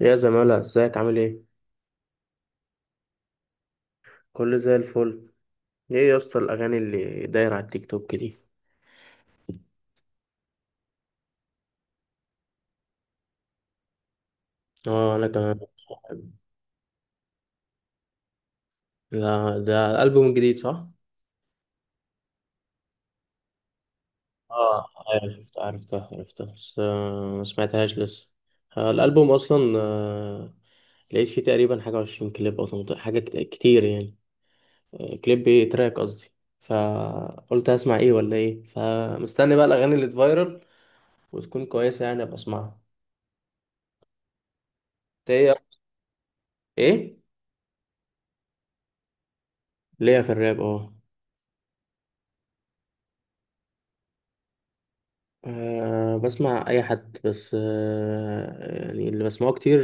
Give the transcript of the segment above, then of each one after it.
يا زمالة، ازيك؟ عامل ايه؟ كله زي الفل. ايه يا اسطى الاغاني اللي دايرة على التيك توك دي؟ اه انا كمان. لا ده الالبوم الجديد صح. اه. ايوه شفت، عرفتها بس، ما سمعتهاش لسه. الالبوم اصلا لقيت فيه تقريبا حاجه 20 كليب او 18 حاجه كتير يعني. كليب ايه، تراك قصدي. فقلت هسمع ايه ولا ايه، فمستني بقى الاغاني اللي تفايرل وتكون كويسه يعني ابقى اسمعها. إنت ايه؟ ايه؟ ليا في الراب اه. أه بسمع أي حد، بس يعني اللي بسمعه كتير،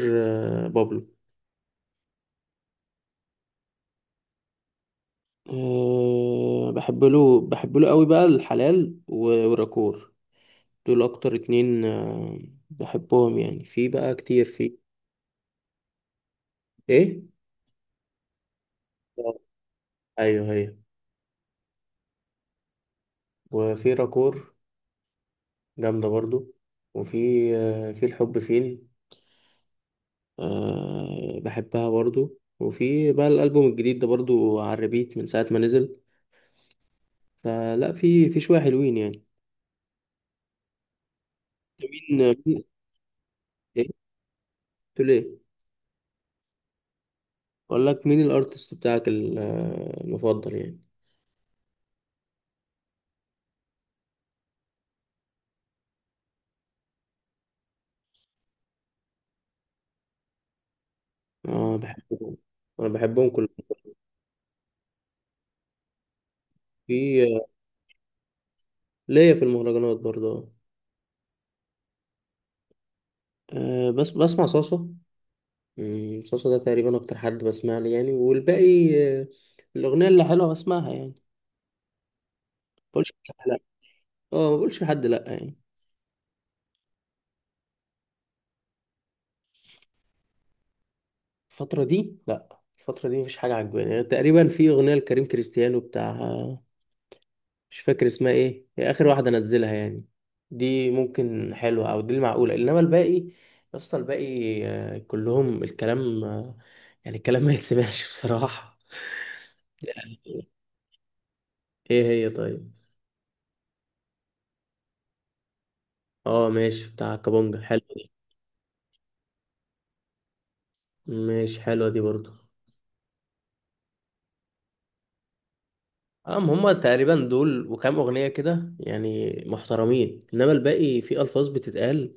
أه، بابلو. بحب له، بحب له قوي بقى الحلال والراكور. دول أكتر اتنين، أه. بحبهم يعني، في بقى كتير في. إيه؟ آه، أيوه هي. وفي راكور، جامدة برضو. وفي في الحب فين، بحبها برضو، وفي بقى الألبوم الجديد ده برضو على الريبيت من ساعة ما نزل. فلا، في شوية حلوين يعني. مين؟ ايه قلت؟ له ليه؟ اقول لك مين الارتست بتاعك المفضل يعني. اه بحبهم. انا بحبهم كلهم. في. ليا في المهرجانات برضه. آه. بس بسمع صاصة. صاصة ده تقريبا اكتر حد بسمع لي يعني، والباقي آه، الاغنية اللي حلوة بسمعها يعني. ما بقولش لحد لا. اه ما بقولش لحد لا يعني. الفترة دي، لا الفترة دي مفيش حاجة عجباني يعني. تقريبا في اغنية لكريم كريستيانو بتاع، مش فاكر اسمها ايه، هي اخر واحده انزلها يعني. دي ممكن حلوه، او دي المعقوله، انما الباقي يا اسطى الباقي كلهم الكلام يعني الكلام ما يتسمعش بصراحه. ايه هي طيب؟ اه ماشي، بتاع كابونجا حلوه دي. ماشي حلوه دي برضو. هما تقريبا دول وكام اغنيه كده يعني محترمين، انما الباقي في الفاظ بتتقال.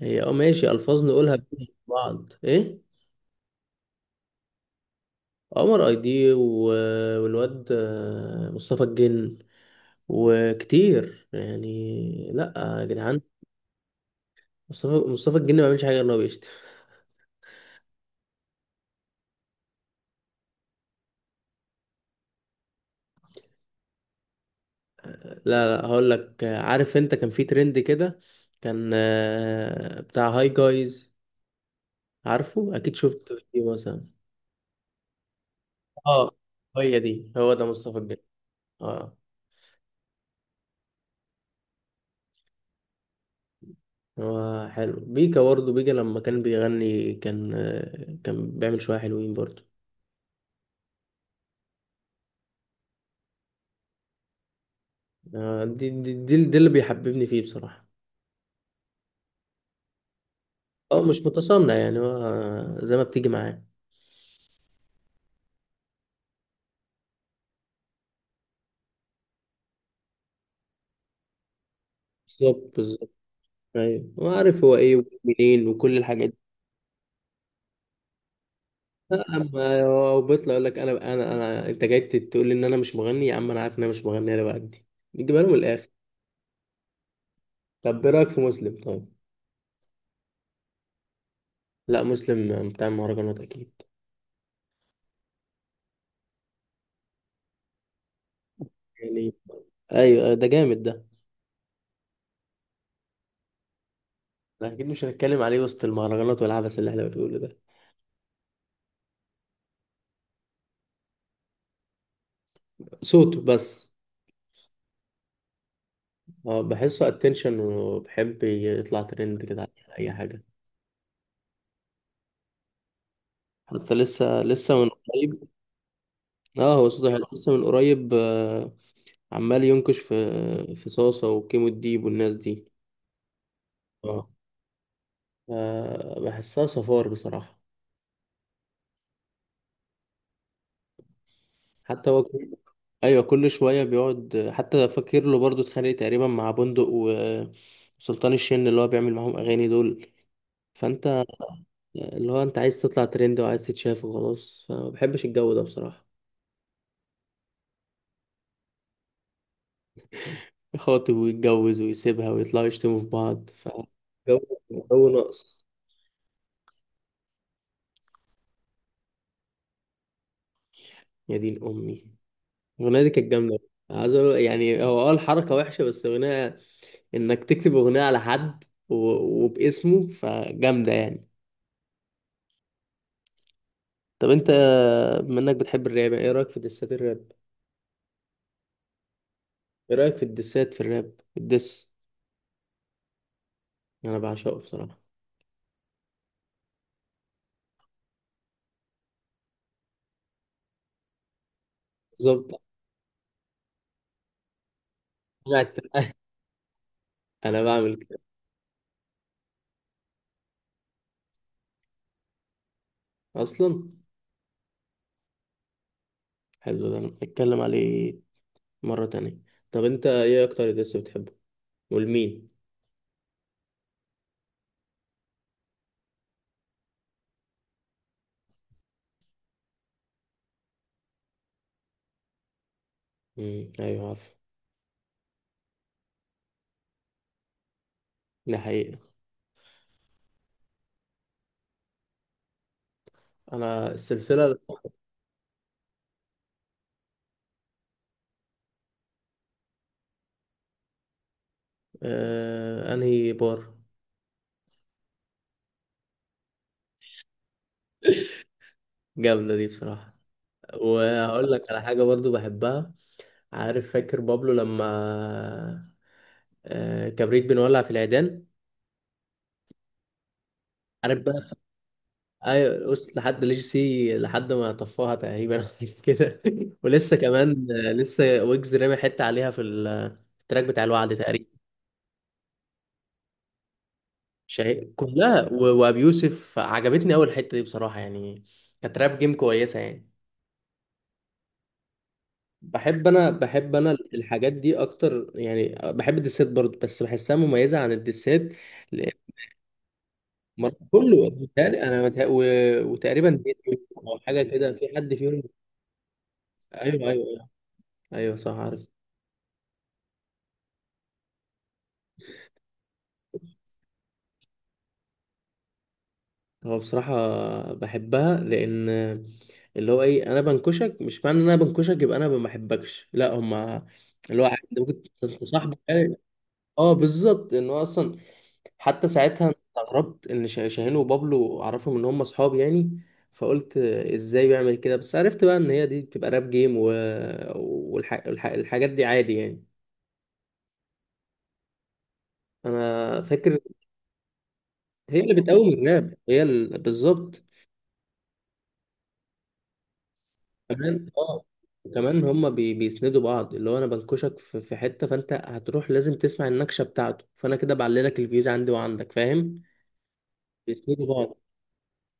هي اه ماشي، الفاظ نقولها بين بعض ايه. عمر اي دي والواد مصطفى الجن، وكتير يعني لا. يا جدعان، مصطفى الجن ما بيعملش حاجه غير ان هو بيشتم. لا لا، هقول لك عارف انت كان في ترند كده؟ كان بتاع هاي جايز، عارفه؟ اكيد شفت فيديو مثلا. اه. هي دي، هو ده مصطفى الجن. اه. هو حلو بيكا برضه. بيكا لما كان بيغني كان كان بيعمل شويه حلوين برضه. دي اللي بيحببني فيه بصراحه. اه مش متصنع يعني، هو زي ما بتيجي معاه. بالظبط بالظبط. ايوه هو عارف هو ايه ومنين وكل الحاجات دي. لا، اما هو بيطلع يقول لك انا انا انا انت جاي تقول لي ان انا مش مغني يا عم، انا عارف ان انا مش مغني، انا بأدي. بيجيبها لهم الاخر. طب ايه رايك في مسلم طيب؟ لا مسلم بتاع المهرجانات اكيد. يعني ايوه، ده جامد ده. لا، اكيد مش هنتكلم عليه وسط المهرجانات والعبث اللي احنا بنقوله ده. صوته بس. اه بحسه اتنشن، وبحب يطلع ترند كده على اي حاجه. حتى لسه، لسه من قريب. اه هو صوته حلو. لسه من قريب عمال ينكش في صاصة وكيمو الديب والناس دي. اه. بحسها صفار بصراحة. حتى هو ايوه كل شوية بيقعد. حتى فاكر له برضه اتخانق تقريبا مع بندق وسلطان الشن، اللي هو بيعمل معاهم اغاني دول، فانت اللي هو انت عايز تطلع ترند وعايز تتشاف وخلاص، فما بحبش الجو ده بصراحة. يخاطب ويتجوز ويسيبها ويطلعوا يشتموا في بعض، فجو، جو ناقص. يا دين امي، الأغنية دي كانت جامدة. عايز أقول يعني هو، الحركة وحشة، بس أغنية إنك تكتب أغنية على حد وباسمه فجامدة يعني. طب أنت، بما إنك بتحب الراب، إيه رأيك في دسات الراب؟ إيه رأيك في الدسات في الراب؟ الدس، أنا بعشقه بصراحة. بالظبط، أنا التنقل. أنا بعمل كده أصلا. حلو ده، نتكلم عليه مرة تانية. طب أنت إيه أكتر دس بتحبه؟ والمين؟ مم. أيوه عارف. ده حقيقة. أنا السلسلة. أنهي بار؟ جامدة دي بصراحة. وهقول لك على حاجة برضو بحبها. عارف فاكر بابلو لما كبريت بنولع في العيدان؟ عارف بقى. ايوه وصلت لحد ليج سي لحد ما طفاها تقريبا كده. ولسه كمان، لسه ويجز رامي حتة عليها في التراك بتاع الوعد تقريبا. شيء كلها وابي يوسف عجبتني اول حتة دي بصراحة يعني. كانت راب جيم كويسة يعني. بحب انا الحاجات دي اكتر يعني، بحب الدسات برضو بس بحسها مميزه عن الدسات. لأن كله انا وتقريبا دينيو او حاجه كده في حد فيهم. ايوه ايوه ايوه. ايوه صح عارف. هو بصراحه بحبها لان اللي هو ايه، انا بنكشك مش معنى ان انا بنكشك يبقى انا ما بحبكش، لا، هما اللي هو عادي، ممكن تصاحبك يعني. اه بالظبط، ان هو اصلا حتى ساعتها أنا استغربت ان شاهين وبابلو اعرفهم ان هم اصحاب يعني، فقلت ازاي بيعمل كده، بس عرفت بقى ان هي دي بتبقى راب جيم الحاجات دي عادي يعني. انا فاكر هي اللي بتقوم الراب، هي بالظبط. كمان اه. وكمان هم بيسندوا بعض، اللي هو انا بنكشك في حتة، فانت هتروح لازم تسمع النكشة بتاعته، فانا كده بعللك الفيوز عندي وعندك، فاهم؟ بيسندوا بعض.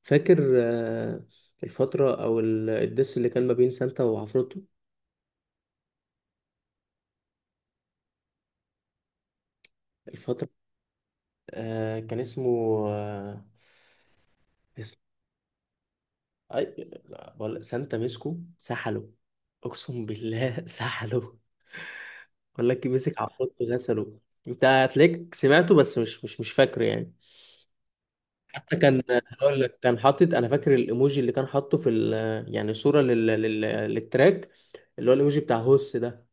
فاكر الفترة أو الدس اللي كان ما بين سانتا وعفروتو؟ الفترة، آه كان اسمه، آه، اسمه أي... لا، بقول سانتا مسكو سحله، اقسم بالله سحله، بقول لك مسك عفروت غسله. انت هتلاقيك سمعته بس مش فاكره يعني. حتى كان، هقول لك كان حاطط، انا فاكر الايموجي اللي كان حاطه في يعني صورة للتراك، اللي هو الايموجي بتاع هوس ده.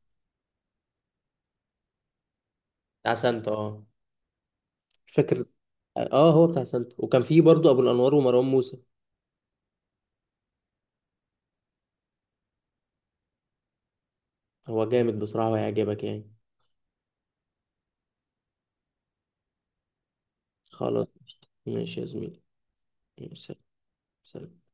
بتاع سانتا اه. مش فاكر. اه هو بتاع سانتا وكان فيه برضو ابو الانوار ومروان موسى. هو جامد بصراحة وهيعجبك يعني. خلاص. ماشي يا زميلي. سلام. سلام.